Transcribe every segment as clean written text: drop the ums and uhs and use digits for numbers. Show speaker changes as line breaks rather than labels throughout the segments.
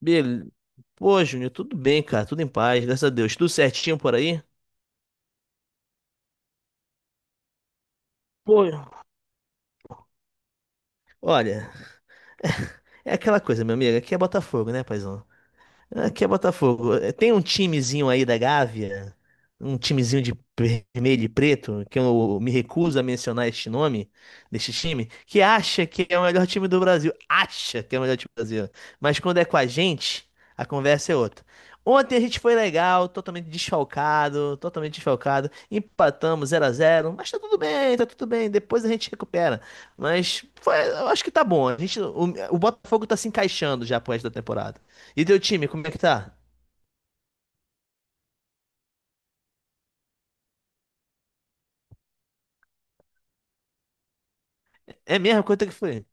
Bele... Pô, Júnior, tudo bem, cara? Tudo em paz, graças a Deus. Tudo certinho por aí? Pô, olha, é aquela coisa, meu amigo. Aqui é Botafogo, né, paizão? Aqui é Botafogo. É, tem um timezinho aí da Gávea, um timezinho de vermelho e preto, que eu me recuso a mencionar este nome, deste time, que acha que é o melhor time do Brasil. Acha que é o melhor time do Brasil. Mas quando é com a gente, a conversa é outra. Ontem a gente foi legal, totalmente desfalcado, totalmente desfalcado. Empatamos 0 a 0, mas tá tudo bem, tá tudo bem. Depois a gente recupera. Mas eu acho que tá bom. O Botafogo tá se encaixando já pro resto da temporada. E teu time, como é que tá? É mesmo? Quanto é que foi?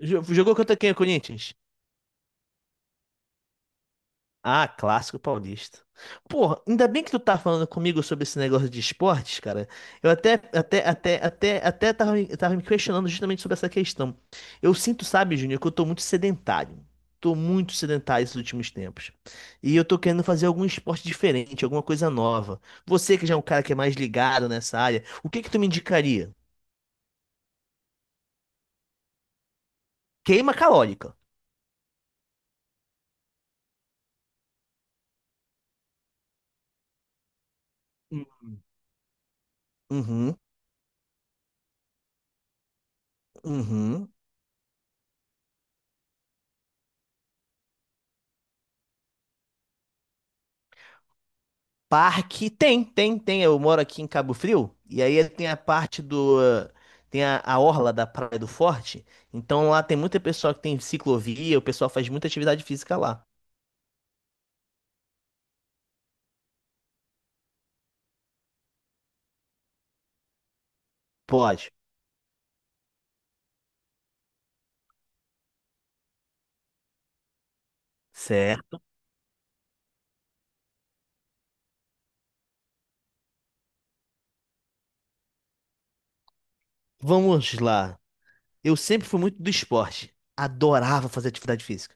Jogou contra quem, o Corinthians? Ah, clássico paulista. Porra, ainda bem que tu tá falando comigo sobre esse negócio de esportes, cara. Eu até tava me questionando justamente sobre essa questão. Eu sinto, sabe, Júnior, que eu tô muito sedentário. Tô muito sedentário esses últimos tempos. E eu tô querendo fazer algum esporte diferente, alguma coisa nova. Você que já é um cara que é mais ligado nessa área, o que que tu me indicaria? Queima calórica. Uhum, uhum. Parque tem, tem, tem. Eu moro aqui em Cabo Frio e aí tem a orla da Praia do Forte. Então lá tem muita pessoa que tem ciclovia, o pessoal faz muita atividade física lá. Pode. Certo. Vamos lá. Eu sempre fui muito do esporte. Adorava fazer atividade física.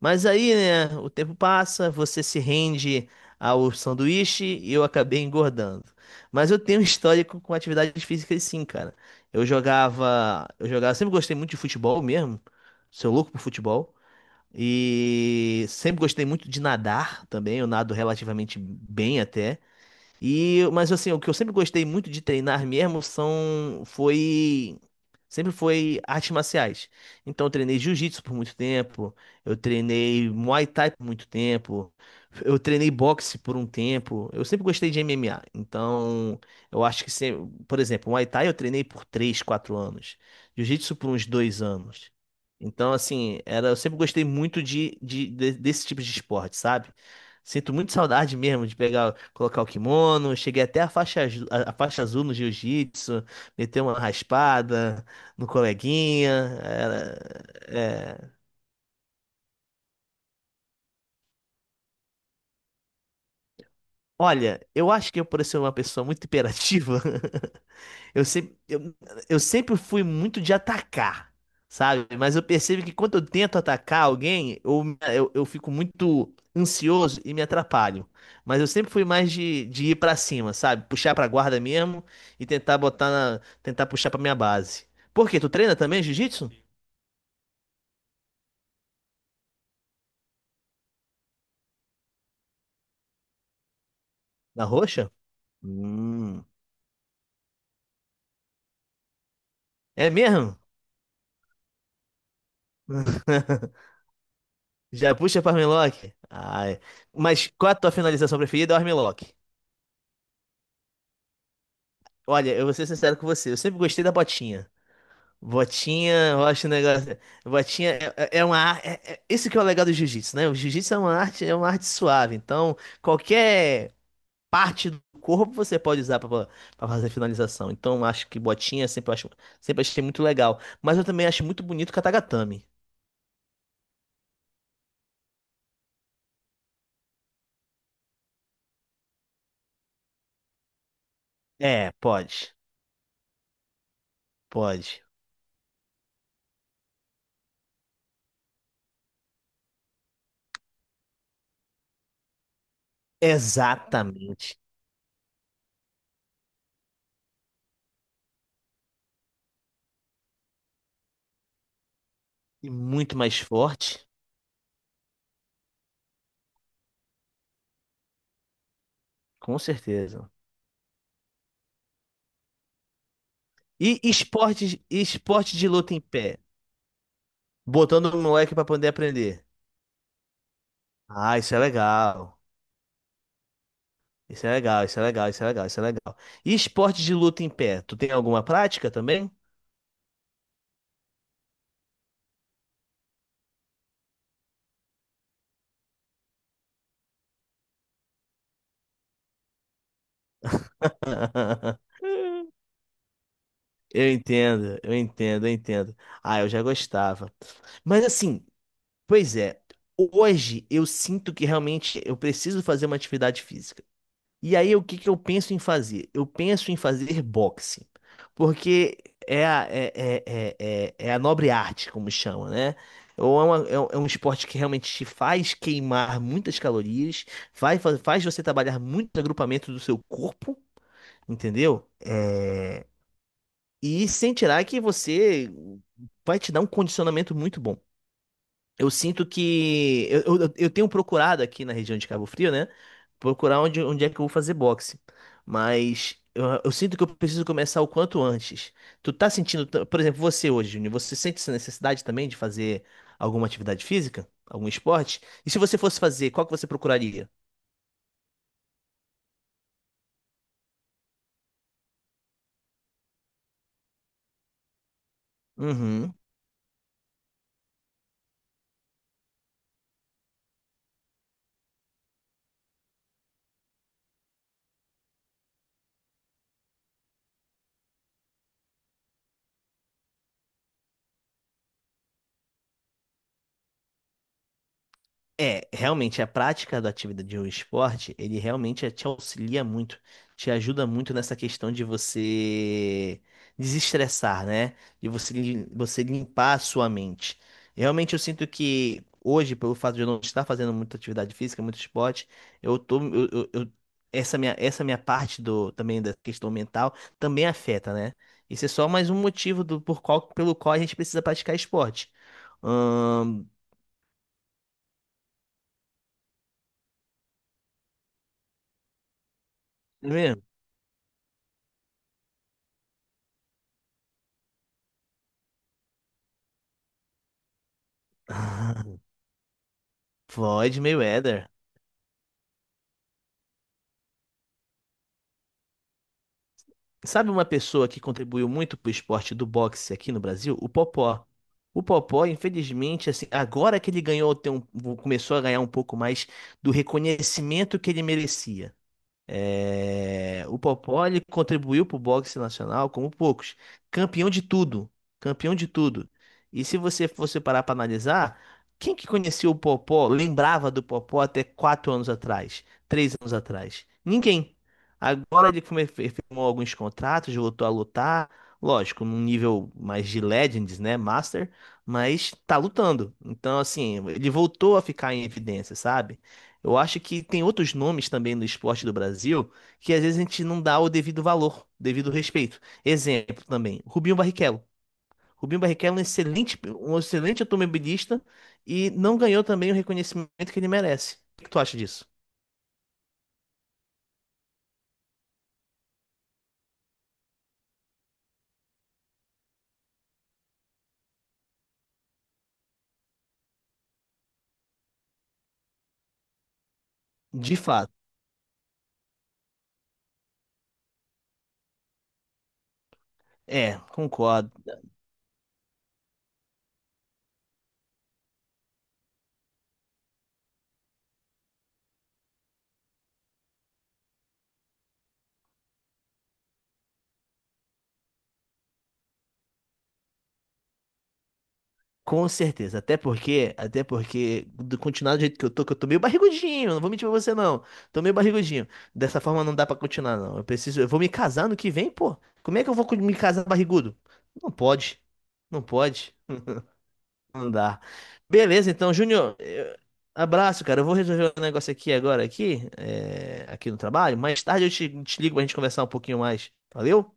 Mas aí, né, o tempo passa, você se rende ao sanduíche e eu acabei engordando. Mas eu tenho um histórico com atividades físicas sim, cara. Eu jogava, sempre gostei muito de futebol mesmo. Sou louco por futebol. E sempre gostei muito de nadar também, eu nado relativamente bem até. E, mas assim, o que eu sempre gostei muito de treinar mesmo sempre foi artes marciais. Então eu treinei jiu-jitsu por muito tempo, eu treinei Muay Thai por muito tempo, eu treinei boxe por um tempo. Eu sempre gostei de MMA. Então, eu acho que sempre, por exemplo, Muay Thai eu treinei por 3 4 anos, jiu-jitsu por uns 2 anos. Então, assim, eu sempre gostei muito desse tipo de esporte, sabe? Sinto muito saudade mesmo de pegar, colocar o kimono. Cheguei até a faixa azul no jiu-jitsu, meter uma raspada no coleguinha. É. Olha, eu acho que eu, por ser uma pessoa muito imperativa, Eu sempre, eu, eu sempre fui muito de atacar, sabe? Mas eu percebo que quando eu tento atacar alguém, eu fico muito ansioso e me atrapalho. Mas eu sempre fui mais de ir pra cima, sabe? Puxar pra guarda mesmo e tentar botar na, tentar puxar pra minha base. Por quê? Tu treina também jiu-jitsu? Na roxa? Hum. É mesmo? Já puxa pra armlock? Ai. Mas qual a tua finalização preferida? É o armlock. Olha, eu vou ser sincero com você. Eu sempre gostei da botinha. Botinha, eu acho um negócio. Botinha é, é uma arte. É, esse que é o legal do jiu-jitsu, né? O jiu-jitsu é uma arte suave. Então, qualquer parte do corpo você pode usar para fazer finalização. Então, eu acho que botinha sempre eu acho, sempre achei muito legal. Mas eu também acho muito bonito o katagatame. É, pode, pode. Exatamente. E muito mais forte, com certeza. E esporte, esporte de luta em pé, botando o moleque para poder aprender. Ah, isso é legal. Isso é legal, isso é legal, isso é legal, isso é legal. E esporte de luta em pé? Tu tem alguma prática também? Eu entendo, eu entendo, eu entendo. Ah, eu já gostava. Mas assim, pois é, hoje eu sinto que realmente eu preciso fazer uma atividade física. E aí, o que que eu penso em fazer? Eu penso em fazer boxe, porque é a, é, é, é, é- é a nobre arte, como chama, né? Ou é, uma- é um esporte que realmente te faz queimar muitas calorias, faz você trabalhar muito o agrupamento do seu corpo, entendeu? E sem tirar que você vai te dar um condicionamento muito bom. Eu sinto que. Eu tenho procurado aqui na região de Cabo Frio, né? Procurar onde é que eu vou fazer boxe. Mas eu sinto que eu preciso começar o quanto antes. Tu tá sentindo. Por exemplo, você hoje, Júnior, você sente essa necessidade também de fazer alguma atividade física? Algum esporte? E se você fosse fazer, qual que você procuraria? Uhum. É, realmente, a prática da atividade de um esporte, ele realmente te auxilia muito, te ajuda muito nessa questão de você desestressar, né? De você, você limpar a sua mente. Realmente, eu sinto que hoje, pelo fato de eu não estar fazendo muita atividade física, muito esporte, eu tô, eu- essa minha parte do, também da questão mental também afeta, né? Isso é só mais um motivo do, por qual, pelo qual a gente precisa praticar esporte. Ahn, mesmo. Floyd Mayweather. Sabe uma pessoa que contribuiu muito pro esporte do boxe aqui no Brasil? O Popó. O Popó, infelizmente, assim, agora que ele ganhou, começou a ganhar um pouco mais do reconhecimento que ele merecia. É, o Popó ele contribuiu para o boxe nacional como poucos. Campeão de tudo. Campeão de tudo. E se você fosse parar para analisar, quem que conhecia o Popó, lembrava do Popó até 4 anos atrás, 3 anos atrás? Ninguém. Agora ele firmou alguns contratos, voltou a lutar. Lógico, num nível mais de Legends, né? Master, mas tá lutando. Então, assim, ele voltou a ficar em evidência, sabe? Eu acho que tem outros nomes também no esporte do Brasil que às vezes a gente não dá o devido valor, devido respeito. Exemplo também, Rubinho Barrichello. Rubinho Barrichello é um excelente automobilista e não ganhou também o reconhecimento que ele merece. O que tu acha disso? De fato. É, concordo. Com certeza, até porque, do continuar do jeito que eu tô meio barrigudinho, não vou mentir pra você não. Tô meio barrigudinho. Dessa forma não dá pra continuar, não. Eu preciso, eu vou me casar no que vem, pô. Como é que eu vou me casar barrigudo? Não pode. Não pode. Não dá. Beleza, então, Júnior, abraço, cara. Eu vou resolver um negócio aqui agora, aqui, é, aqui no trabalho. Mais tarde eu te ligo pra gente conversar um pouquinho mais. Valeu?